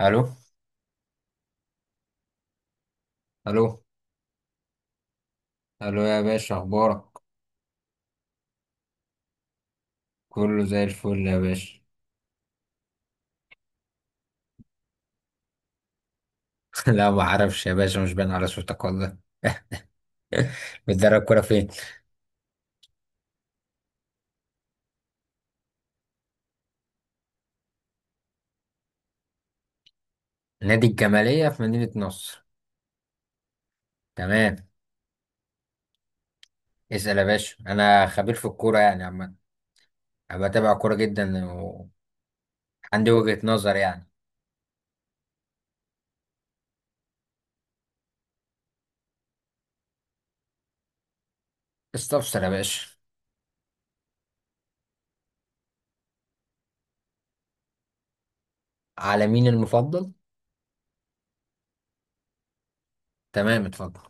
الو، الو، الو يا باشا، اخبارك؟ كله زي الفل يا باشا. لا، ما اعرفش يا باشا، مش باين على صوتك والله. بتدرب كوره فين؟ نادي الجماليه في مدينه نصر. تمام. اسال يا باشا، انا خبير في الكوره يعني عامه. انا بتابع كوره جدا وعندي وجهه نظر يعني. استفسر يا باشا. على مين المفضل؟ تمام، اتفضل.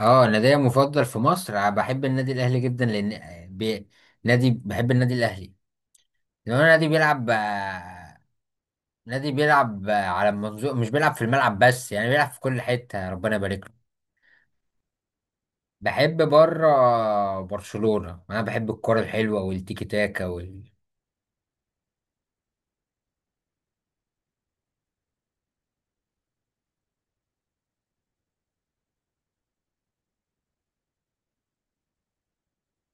اه، نادي مفضل في مصر أنا بحب النادي الاهلي جدا لان بي... بحب النادي الاهلي. لو النادي بيلعب، نادي بيلعب على المنظور، مش بيلعب في الملعب بس، يعني بيلعب في كل حتة، ربنا يبارك له. بحب بره برشلونة، انا بحب الكرة الحلوة والتيكي تاكا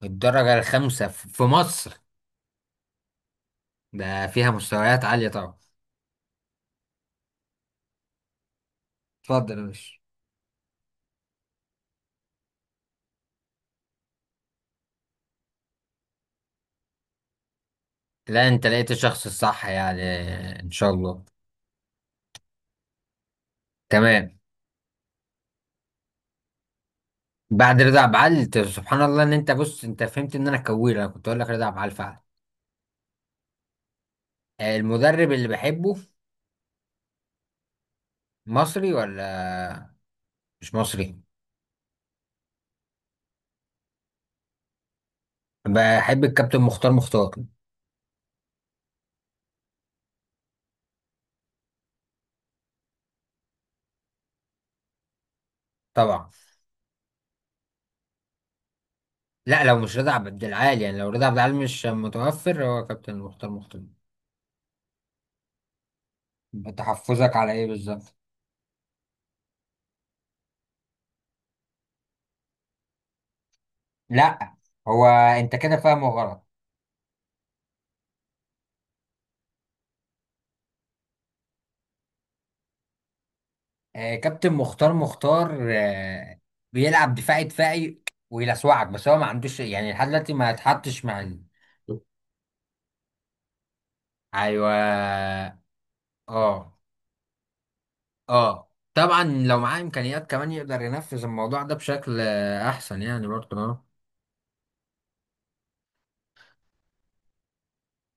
والدرجة الخامسة في مصر ده فيها مستويات عالية طبعا. اتفضل يا باشا. لا، انت لقيت الشخص الصح يعني. ان شاء الله. تمام. بعد رضا عبعال؟ انت سبحان الله، ان انت، بص، انت فهمت ان انا كوير، انا كنت اقول لك رضا عبعال فعلا. المدرب اللي بحبه مصري ولا مش مصري؟ بحب الكابتن مختار مختار. طبعا. لا، لو مش رضا عبد العال، يعني لو رضا عبد العال مش متوفر، هو كابتن مختار مختار. تحفظك على ايه بالظبط؟ لا، هو انت كده فاهمه غلط. آه، كابتن مختار مختار، بيلعب دفاعي دفاعي. ويلسوعك، بس هو ما عندوش يعني لحد دلوقتي، ما اتحطش مع ايوه. اه. اه. طبعا لو معاه امكانيات كمان يقدر ينفذ الموضوع ده بشكل احسن، يعني برضه اه.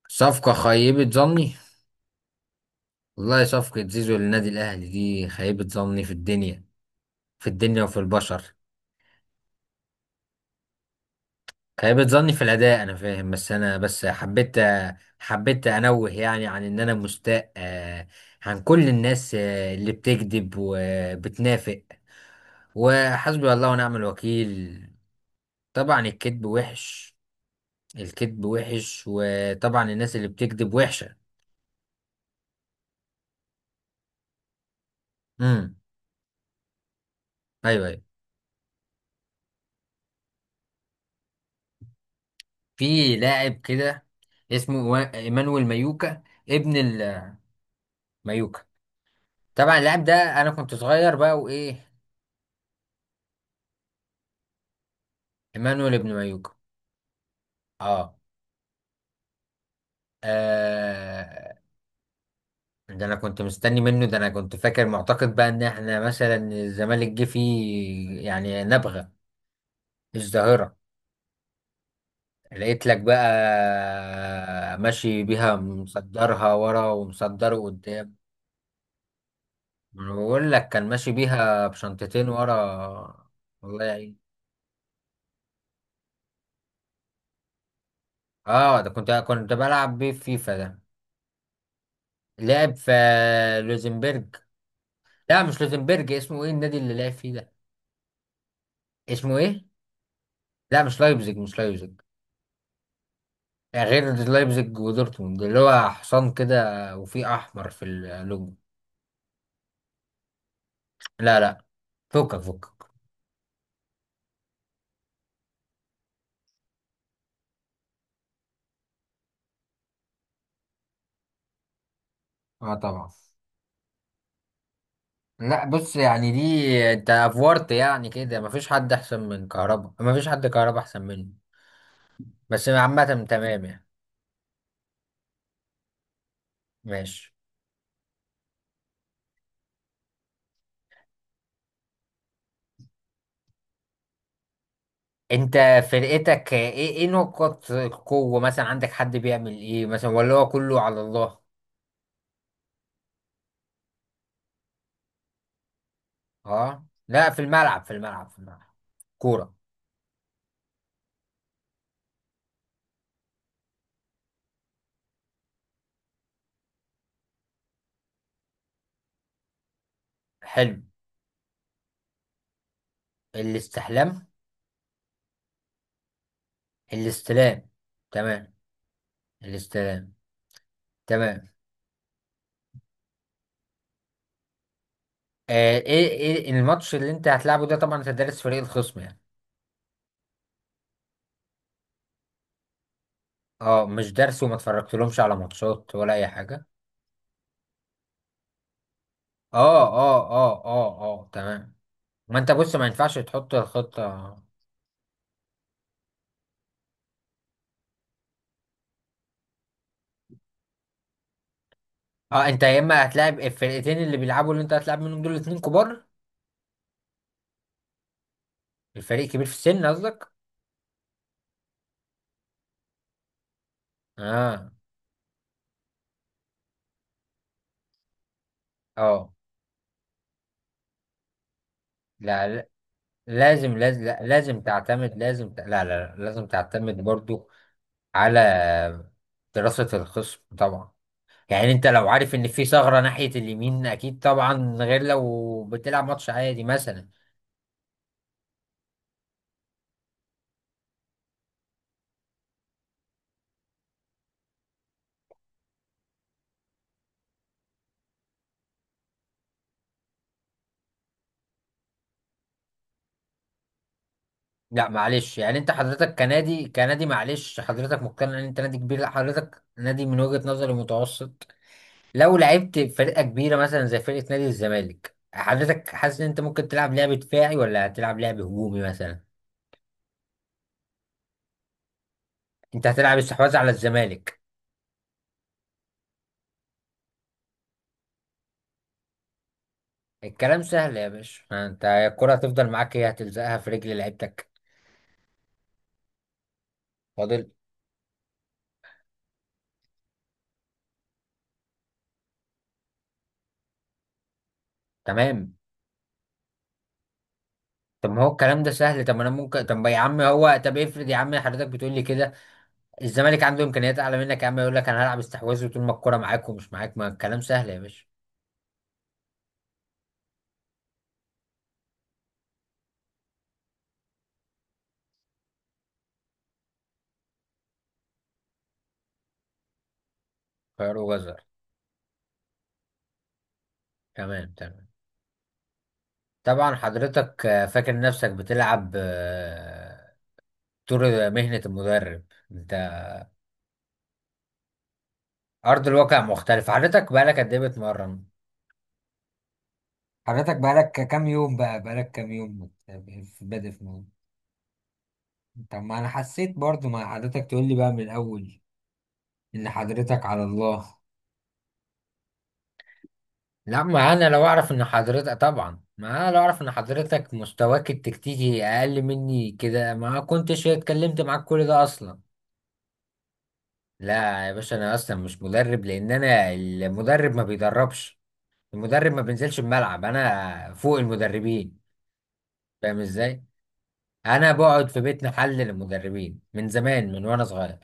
صفقة خيبة ظني؟ والله صفقة زيزو للنادي الأهلي دي خيبة ظني في الدنيا وفي البشر. خيبة ظني في الأداء، أنا فاهم، بس أنا بس حبيت أنوه يعني عن إن أنا مستاء، عن كل الناس اللي بتكذب وبتنافق، وحسبي الله ونعم الوكيل. طبعا الكذب وحش، الكذب وحش، وطبعا الناس اللي بتكذب وحشة. امم. أيوه، أيوه. في لاعب كده اسمه إيمانويل مايوكا، ابن المايوكا. طبعا اللاعب ده انا كنت صغير بقى وايه. ايمانويل ابن مايوكا. اه. آه، ده انا كنت مستني منه، ده انا كنت فاكر معتقد بقى ان احنا مثلا الزمالك جه فيه يعني نبغة مش ظاهرة. لقيت لك بقى ماشي بيها مصدرها ورا ومصدره قدام. ما أنا بقول لك كان ماشي بيها بشنطتين ورا. والله يعين. اه، ده كنت بلعب بيه في فيفا ده. لعب في لوزمبرج. لا، مش لوزنبرج، اسمه ايه النادي اللي لعب فيه ده؟ اسمه ايه؟ لا، مش لايبزيج، مش لايبزيج. غير لايبزيج ودورتموند اللي هو حصان كده وفيه احمر في اللوجو. لا، لا، فكك فكك. اه، طبعا. لا، بص يعني دي انت افورت يعني كده، مفيش حد احسن من كهربا، مفيش حد كهربا احسن منه. بس عامة تمام يعني. ماشي. انت فرقتك ايه، ايه نقط القوة مثلا، عندك حد بيعمل ايه مثلا ولا هو كله على الله؟ اه، لا، في الملعب، في الملعب، في الملعب. كورة. حلم. الاستحلام. الاستلام. تمام. الاستلام. تمام آه، ايه الماتش اللي انت هتلعبه ده، طبعا انت دارس فريق الخصم يعني؟ اه، مش دارس وما اتفرجتلهمش على ماتشات ولا اي حاجة. اه، اه، اه، اه، اه، تمام. ما انت بص، ما ينفعش تحط الخطة. اه، انت يا اما هتلاعب الفرقتين اللي بيلعبوا، اللي انت هتلعب منهم دول اتنين كبار. الفريق كبير في السن قصدك؟ اه. اه. لا، لازم لا، لازم تعتمد، لا، لا، لا، لازم تعتمد برضو على دراسة الخصم طبعا. يعني انت لو عارف ان في ثغرة ناحية اليمين اكيد طبعا، غير لو بتلعب ماتش عادي مثلا. لا معلش، يعني انت حضرتك كنادي معلش حضرتك مقتنع ان انت نادي كبير، لا حضرتك نادي من وجهة نظري متوسط. لو لعبت فرقة كبيرة مثلا زي فرقة نادي الزمالك، حضرتك حاسس ان انت ممكن تلعب لعب دفاعي ولا هتلعب لعب هجومي مثلا؟ انت هتلعب استحواذ على الزمالك؟ الكلام سهل يا باشا، انت الكرة هتفضل معاك، هي هتلزقها في رجل لعيبتك. فاضل. تمام. طب ما هو الكلام ده سهل، طب ما انا ممكن، طب يا عم، هو طب افرض يا عم حضرتك بتقول لي كده، الزمالك عنده امكانيات اعلى منك يا عم، يقول لك انا هلعب استحواذ طول ما الكرة معاك ومش معاك. ما الكلام سهل يا باشا. خير وجزر. تمام، تمام. طبعا حضرتك فاكر نفسك بتلعب دور مهنة المدرب. انت ارض الواقع مختلف. حضرتك بقالك قد ايه بتمرن؟ حضرتك بقالك كام يوم بقى، بقالك كام يوم في بادئ في موضوع؟ طب ما انا حسيت برضو، ما حضرتك تقول لي بقى من الاول ان حضرتك على الله. لا، ما انا لو اعرف ان حضرتك، طبعا ما انا لو اعرف ان حضرتك مستواك التكتيكي اقل مني كده ما كنتش اتكلمت معاك كل ده اصلا. لا يا باشا، انا اصلا مش مدرب، لان انا المدرب ما بيدربش، المدرب ما بينزلش الملعب، انا فوق المدربين. فاهم ازاي؟ انا بقعد في بيت محلل المدربين من زمان، من وانا صغير.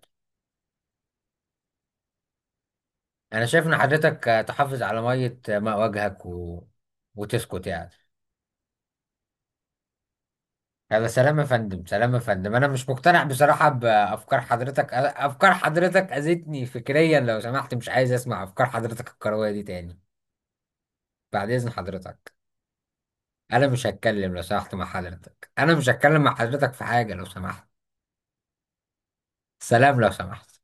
انا شايف ان حضرتك تحافظ على ميه، ماء وجهك وتسكت يعني. هذا سلام يا فندم، سلام يا فندم، انا مش مقتنع بصراحه بافكار حضرتك، افكار حضرتك اذتني فكريا لو سمحت، مش عايز اسمع افكار حضرتك الكرويه دي تاني. بعد اذن حضرتك. انا مش هتكلم لو سمحت مع حضرتك، انا مش هتكلم مع حضرتك في حاجه لو سمحت. سلام لو سمحت.